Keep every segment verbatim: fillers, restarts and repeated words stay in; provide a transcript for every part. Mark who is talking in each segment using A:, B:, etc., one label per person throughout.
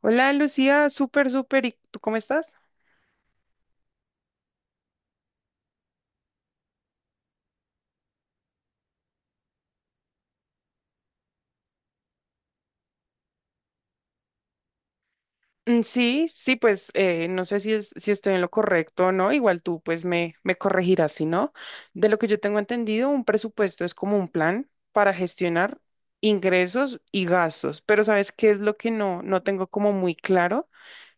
A: Hola Lucía, súper, súper. ¿Y tú cómo estás? Mm, sí, sí, pues eh, no sé si, es- si estoy en lo correcto o no. Igual tú pues me, me corregirás, si no. De lo que yo tengo entendido, un presupuesto es como un plan para gestionar ingresos y gastos. Pero ¿sabes qué es lo que no, no tengo como muy claro?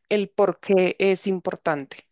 A: El por qué es importante.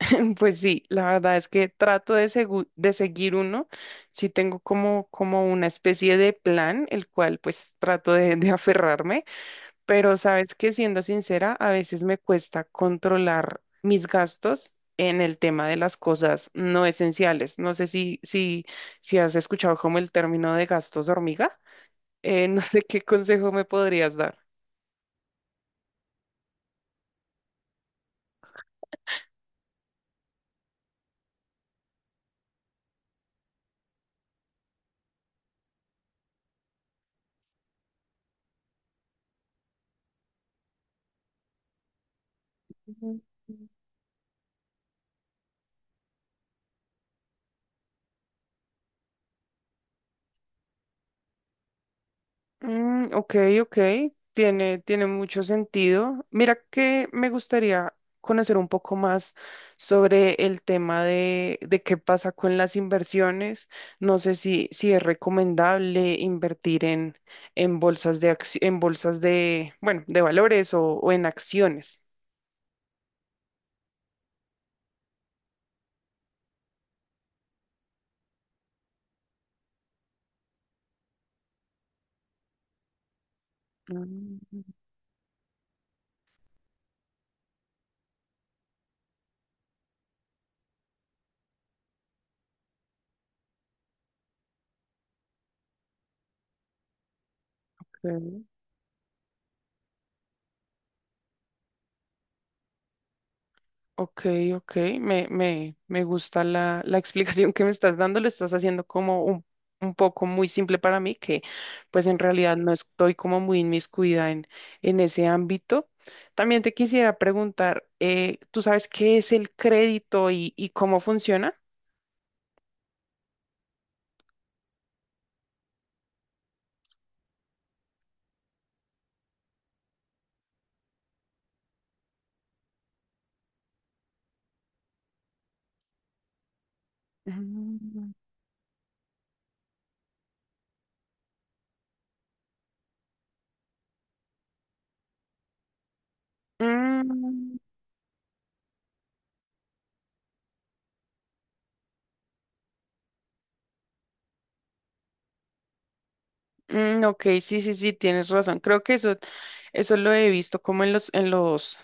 A: Pues sí, la verdad es que trato de, segu- de seguir uno. Sí tengo como, como una especie de plan, el cual pues trato de de aferrarme. Pero sabes que siendo sincera, a veces me cuesta controlar mis gastos en el tema de las cosas no esenciales. No sé si, si, si has escuchado como el término de gastos hormiga. Eh, no sé qué consejo me podrías dar. Ujú. Mm, ok, ok, tiene, tiene mucho sentido. Mira que me gustaría conocer un poco más sobre el tema de, de qué pasa con las inversiones. No sé si, si es recomendable invertir en, en bolsas de acci- en bolsas de, bueno, de valores o, o en acciones. Mm, ok. Ok, ok, me, me, me gusta la, la explicación que me estás dando, lo estás haciendo como un, un poco muy simple para mí, que pues en realidad no estoy como muy inmiscuida en, en ese ámbito. También te quisiera preguntar, eh, ¿tú sabes qué es el crédito y, y cómo funciona? Mm. Mm, mm, ok, sí, sí, sí, tienes razón. Creo que eso, eso lo he visto como en los, en los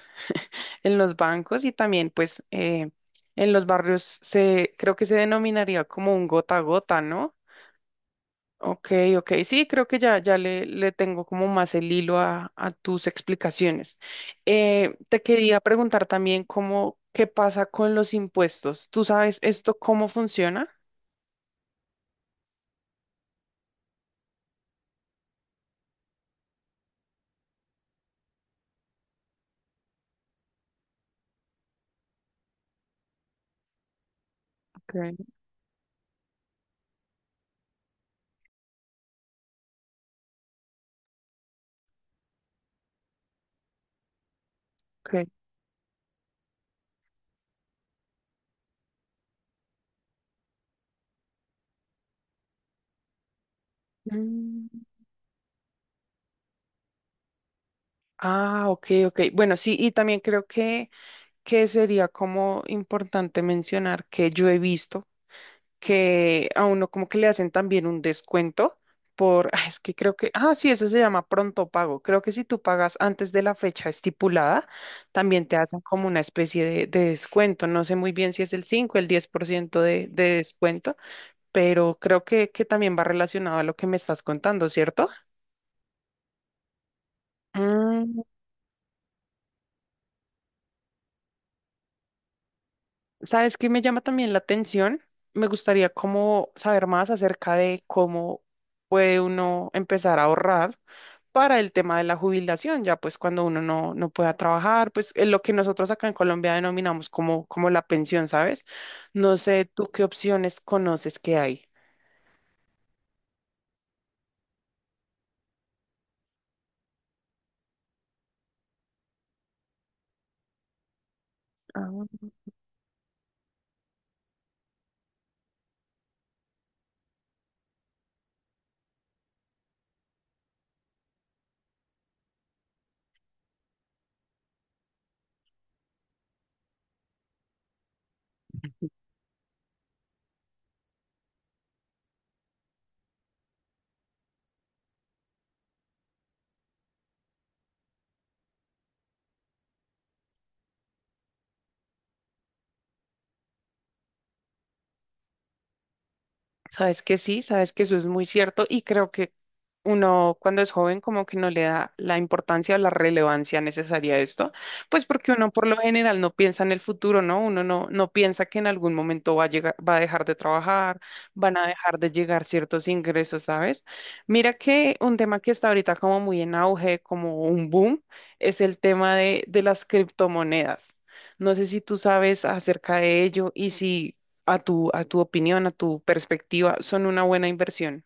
A: en los bancos y también pues eh, en los barrios se, creo que se denominaría como un gota a gota, ¿no? Ok, ok, sí, creo que ya, ya le, le tengo como más el hilo a, a tus explicaciones. Eh, te quería preguntar también cómo, qué pasa con los impuestos. ¿Tú sabes esto cómo funciona? Okay, okay. Mm. Ah, ok, ok. Bueno, sí, y también creo que, que sería como importante mencionar que yo he visto que a uno como que le hacen también un descuento por, ah, es que creo que, ah, sí, eso se llama pronto pago. Creo que si tú pagas antes de la fecha estipulada, también te hacen como una especie de, de descuento. No sé muy bien si es el cinco el diez por ciento de, de descuento, pero creo que, que también va relacionado a lo que me estás contando, ¿cierto? Mm, ¿Sabes qué me llama también la atención? Me gustaría como saber más acerca de cómo puede uno empezar a ahorrar para el tema de la jubilación, ya pues cuando uno no, no pueda trabajar, pues es lo que nosotros acá en Colombia denominamos como, como la pensión, ¿sabes? No sé, ¿tú qué opciones conoces que hay? Ah, sabes que sí, sabes que eso es muy cierto y creo que uno cuando es joven como que no le da la importancia o la relevancia necesaria a esto, pues porque uno por lo general no piensa en el futuro, ¿no? Uno no, no piensa que en algún momento va a llegar, va a dejar de trabajar, van a dejar de llegar ciertos ingresos, ¿sabes? Mira que un tema que está ahorita como muy en auge, como un boom, es el tema de, de las criptomonedas. No sé si tú sabes acerca de ello y si a tu, a tu opinión, a tu perspectiva, son una buena inversión.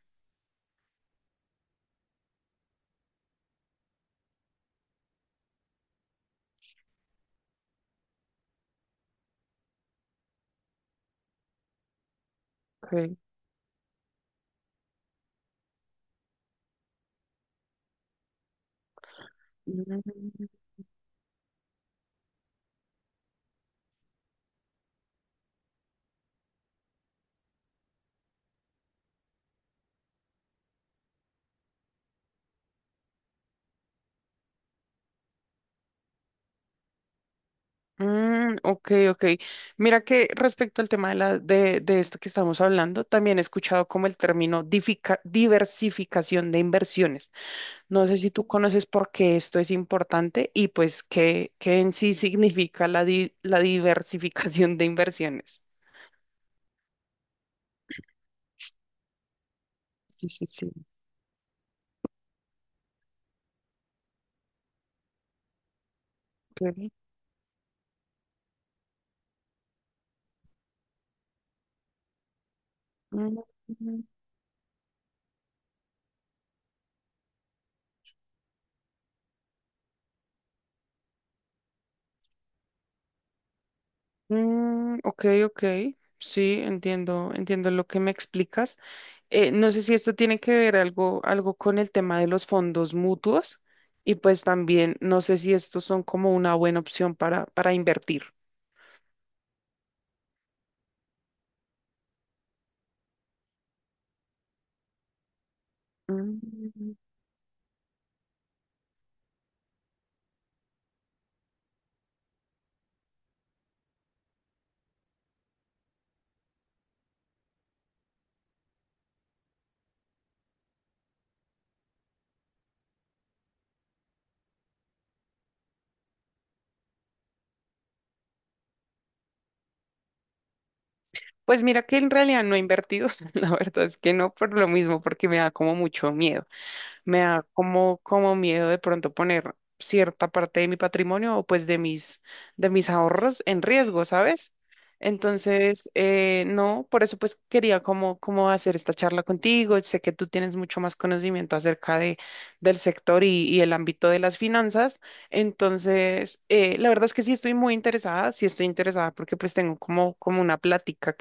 A: Okay. Mm, mm, ok, ok. Mira que respecto al tema de, la, de, de esto que estamos hablando, también he escuchado como el término difica- diversificación de inversiones. No sé si tú conoces por qué esto es importante y pues qué, qué en sí significa la, di- la diversificación de inversiones. Sí, sí, sí. Ok. Mm, mm, ok, ok. Sí, entiendo, entiendo lo que me explicas. Eh, no sé si esto tiene que ver algo, algo con el tema de los fondos mutuos y pues también no sé si estos son como una buena opción para, para invertir. Mm, Pues mira que en realidad no he invertido, la verdad es que no por lo mismo, porque me da como mucho miedo. Me da como, como miedo de pronto poner cierta parte de mi patrimonio o pues de mis, de mis ahorros en riesgo, ¿sabes? Entonces, eh, no, por eso pues quería como, como hacer esta charla contigo. Sé que tú tienes mucho más conocimiento acerca de, del sector y, y el ámbito de las finanzas. Entonces, eh, la verdad es que sí estoy muy interesada, sí estoy interesada porque pues tengo como, como una plática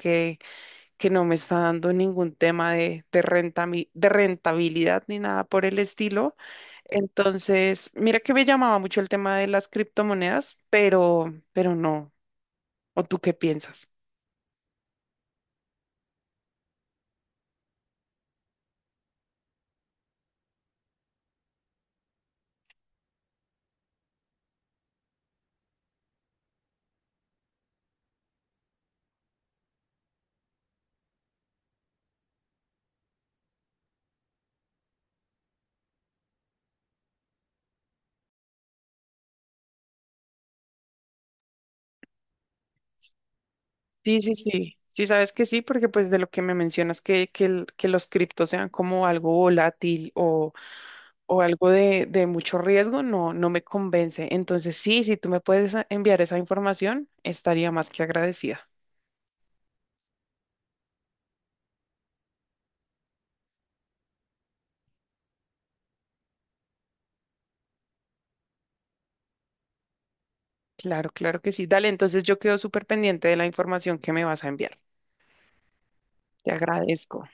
A: que no me está dando ningún tema de, de renta de rentabilidad ni nada por el estilo. Entonces, mira que me llamaba mucho el tema de las criptomonedas, pero, pero no. ¿O tú qué piensas? Sí, sí, sí. Sí, sabes que sí, porque pues de lo que me mencionas, que, que, el- que los criptos sean como algo volátil o, o algo de, de mucho riesgo, no, no me convence. Entonces, sí, si tú me puedes a- enviar esa información, estaría más que agradecida. Claro, claro que sí. Dale, entonces yo quedo súper pendiente de la información que me vas a enviar. Te agradezco.